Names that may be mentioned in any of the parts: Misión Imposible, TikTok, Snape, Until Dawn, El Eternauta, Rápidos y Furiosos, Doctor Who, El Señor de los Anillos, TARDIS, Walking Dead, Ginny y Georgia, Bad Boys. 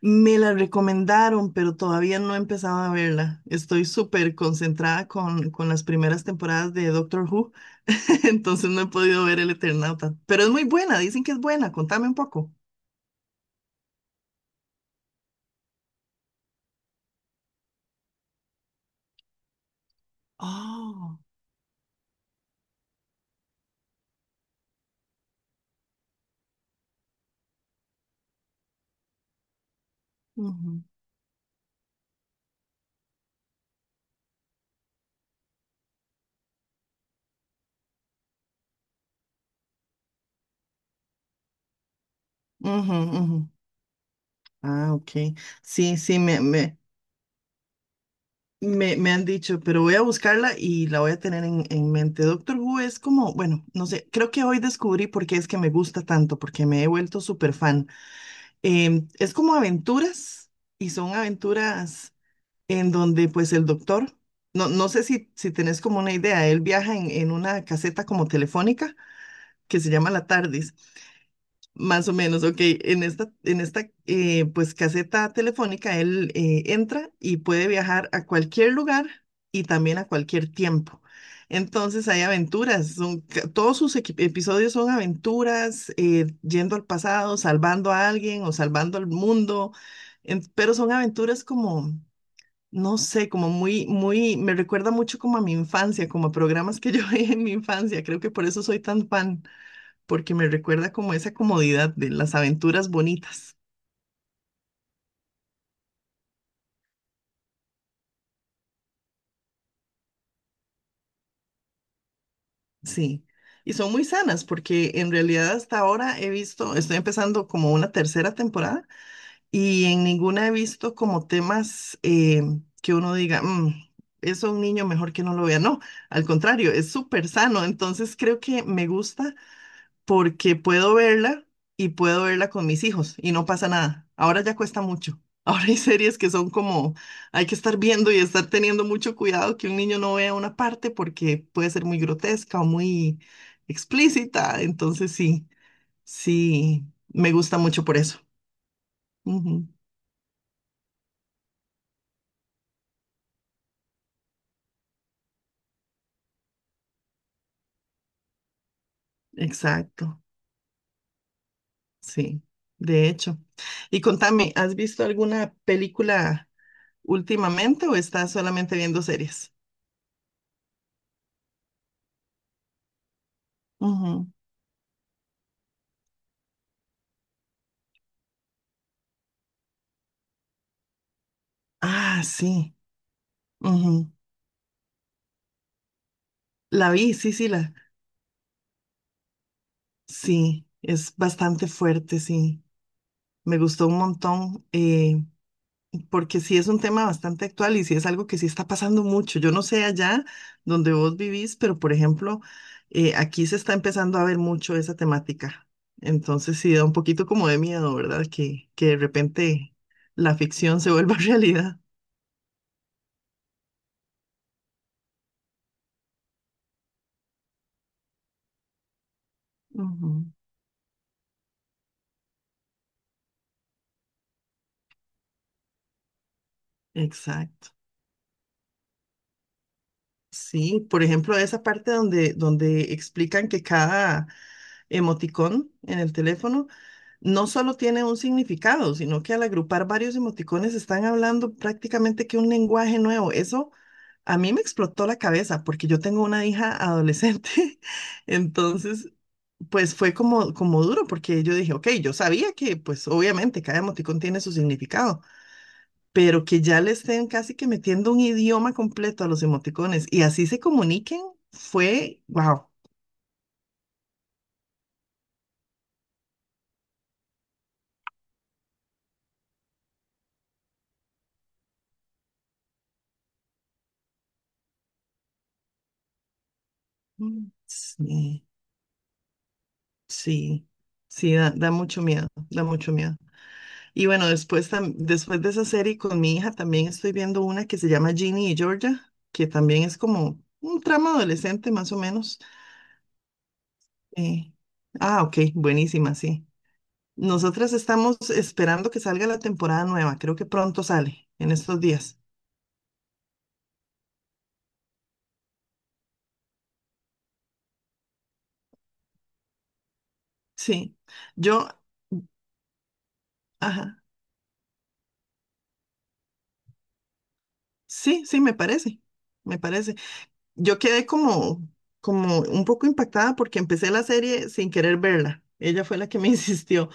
Me la recomendaron, pero todavía no he empezado a verla. Estoy súper concentrada con las primeras temporadas de Doctor Who, entonces no he podido ver El Eternauta. Pero es muy buena, dicen que es buena. Contame un poco. Oh, ujú, ujú, ujú. Ah, ok. Sí, sí, me han dicho, pero voy a buscarla y la voy a tener en mente. Doctor Who es como, bueno, no sé, creo que hoy descubrí por qué es que me gusta tanto, porque me he vuelto súper fan. Es como aventuras y son aventuras en donde pues el doctor, no sé si tenés como una idea, él viaja en una caseta como telefónica que se llama la TARDIS. Más o menos, ok. En esta pues caseta telefónica él entra y puede viajar a cualquier lugar y también a cualquier tiempo. Entonces hay aventuras, son, todos sus episodios son aventuras, yendo al pasado, salvando a alguien o salvando al mundo, pero son aventuras como, no sé, como muy, me recuerda mucho como a mi infancia, como a programas que yo veía en mi infancia, creo que por eso soy tan fan porque me recuerda como esa comodidad de las aventuras bonitas, sí. Y son muy sanas porque en realidad hasta ahora he visto, estoy empezando como una tercera temporada y en ninguna he visto como temas que uno diga, "Mm, eso a un niño mejor que no lo vea." No, al contrario, es súper sano. Entonces creo que me gusta porque puedo verla y puedo verla con mis hijos y no pasa nada. Ahora ya cuesta mucho. Ahora hay series que son como, hay que estar viendo y estar teniendo mucho cuidado que un niño no vea una parte porque puede ser muy grotesca o muy explícita. Entonces sí, sí, me gusta mucho por eso. Ujú, exacto, sí, de hecho. Y contame, ¿has visto alguna película últimamente o estás solamente viendo series? Ujú. Ah, sí. La vi, sí, sí, la, sí, es bastante fuerte, sí. Me gustó un montón, porque sí es un tema bastante actual y sí es algo que sí está pasando mucho. Yo no sé allá donde vos vivís, pero por ejemplo, aquí se está empezando a ver mucho esa temática. Entonces sí da un poquito como de miedo, ¿verdad? Que de repente la ficción se vuelva realidad. Ujú, exacto. Sí, por ejemplo, esa parte donde explican que cada emoticón en el teléfono no solo tiene un significado, sino que al agrupar varios emoticones están hablando prácticamente que un lenguaje nuevo. Eso a mí me explotó la cabeza porque yo tengo una hija adolescente, entonces pues fue como, como duro porque yo dije, ok, yo sabía que pues obviamente cada emoticón tiene su significado pero que ya le estén casi que metiendo un idioma completo a los emoticones y así se comuniquen, fue, wow. Mm, sí, sí, sí, da, da mucho miedo, da mucho miedo. Y bueno, después, después de esa serie con mi hija también estoy viendo una que se llama Ginny y Georgia, que también es como un trama adolescente más o menos. Eh, ah, ok, buenísima, sí. Nosotras estamos esperando que salga la temporada nueva, creo que pronto sale, en estos días. Sí, yo, ajá. Sí, sí, me parece, me parece. Yo quedé como, como un poco impactada porque empecé la serie sin querer verla. Ella fue la que me insistió.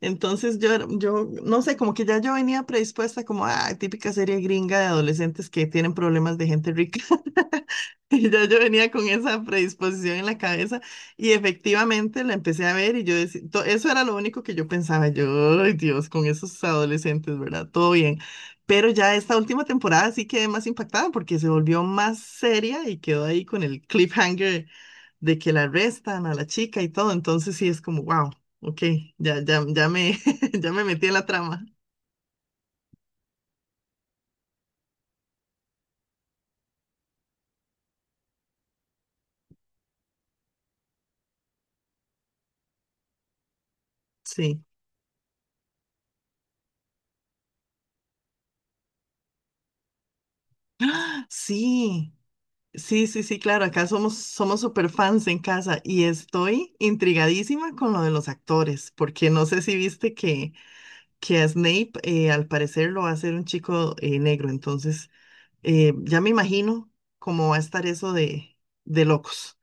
Entonces yo, yo, no sé, como que ya yo venía predispuesta como ah típica serie gringa de adolescentes que tienen problemas de gente rica. Y ya yo venía con esa predisposición en la cabeza y efectivamente la empecé a ver y yo decía, eso era lo único que yo pensaba, yo, ay Dios, con esos adolescentes, ¿verdad? Todo bien. Pero ya esta última temporada sí quedé más impactada porque se volvió más seria y quedó ahí con el cliffhanger de que la arrestan a la chica y todo, entonces sí es como, wow, ok, ya, ya, ya me, ya me metí en la trama. Sí, sí, sí, sí, sí, claro, acá somos, somos super fans en casa y estoy intrigadísima con lo de los actores, porque no sé si viste que a Snape al parecer lo va a hacer un chico negro, entonces ya me imagino cómo va a estar eso de locos.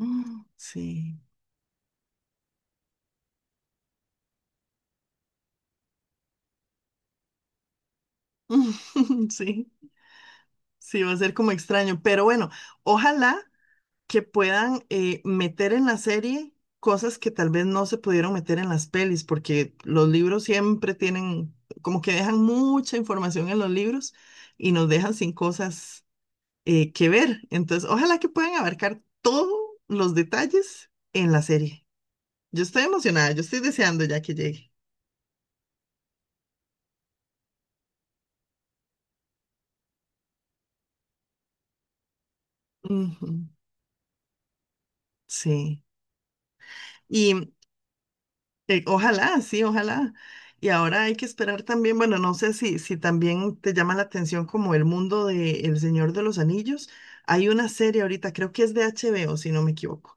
Mm, sí, sí. Sí, va a ser como extraño, pero bueno, ojalá que puedan meter en la serie cosas que tal vez no se pudieron meter en las pelis, porque los libros siempre tienen, como que dejan mucha información en los libros y nos dejan sin cosas que ver. Entonces, ojalá que puedan abarcar todos los detalles en la serie. Yo estoy emocionada, yo estoy deseando ya que llegue. Ujú, sí. Y ojalá, sí, ojalá. Y ahora hay que esperar también, bueno, no sé si, si también te llama la atención como el mundo de El Señor de los Anillos. Hay una serie ahorita, creo que es de HBO, si no me equivoco,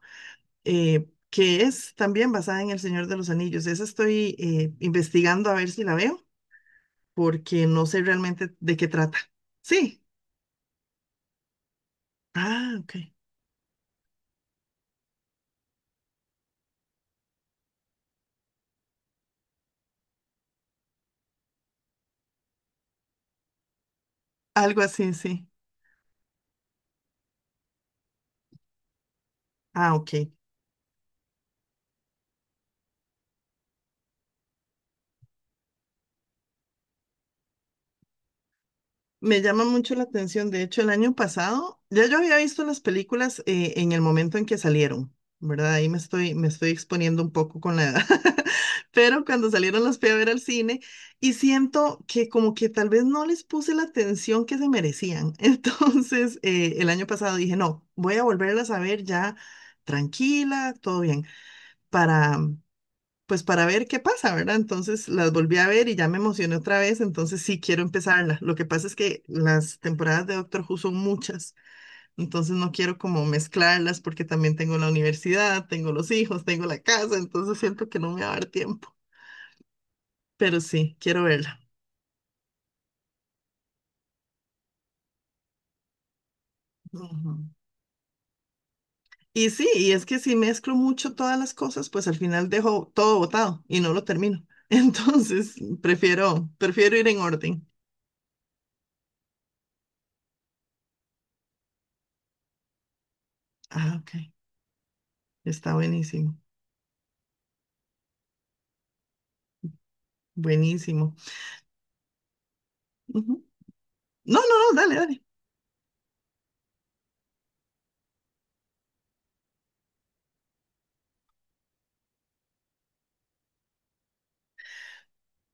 que es también basada en El Señor de los Anillos. Esa estoy investigando a ver si la veo, porque no sé realmente de qué trata. Sí. Ah, ok. Algo así, sí. Ah, ok. Me llama mucho la atención. De hecho, el año pasado ya yo había visto las películas en el momento en que salieron, ¿verdad? Ahí me estoy exponiendo un poco con la edad. Pero cuando salieron las fui a ver al cine y siento que como que tal vez no les puse la atención que se merecían. Entonces, el año pasado dije, no, voy a volverlas a ver ya tranquila, todo bien, para pues para ver qué pasa, ¿verdad? Entonces las volví a ver y ya me emocioné otra vez, entonces sí quiero empezarla. Lo que pasa es que las temporadas de Doctor Who son muchas, entonces no quiero como mezclarlas porque también tengo la universidad, tengo los hijos, tengo la casa, entonces siento que no me va a dar tiempo, pero sí, quiero verla. Ujú. Y sí, y es que si mezclo mucho todas las cosas, pues al final dejo todo botado y no lo termino. Entonces, prefiero, prefiero ir en orden. Ah, ok. Está buenísimo. Buenísimo. Ujú. No, no, no, dale, dale.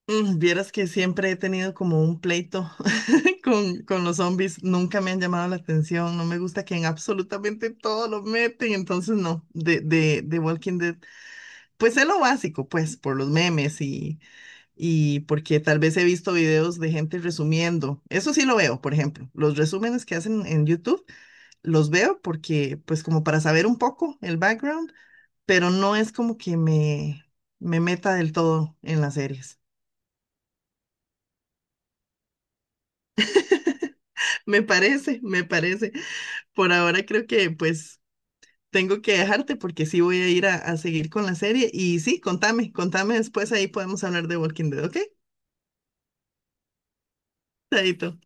Mm, vieras que siempre he tenido como un pleito con los zombies. Nunca me han llamado la atención. No me gusta que en absolutamente todo lo meten. Entonces, no, de Walking Dead. Pues es lo básico, pues, por los memes y porque tal vez he visto videos de gente resumiendo. Eso sí lo veo, por ejemplo. Los resúmenes que hacen en YouTube los veo porque, pues, como para saber un poco el background, pero no es como que me meta del todo en las series. Me parece, me parece. Por ahora creo que pues tengo que dejarte porque sí voy a ir a seguir con la serie. Y sí, contame, contame después, ahí podemos hablar de Walking Dead, ¿ok? Chaito.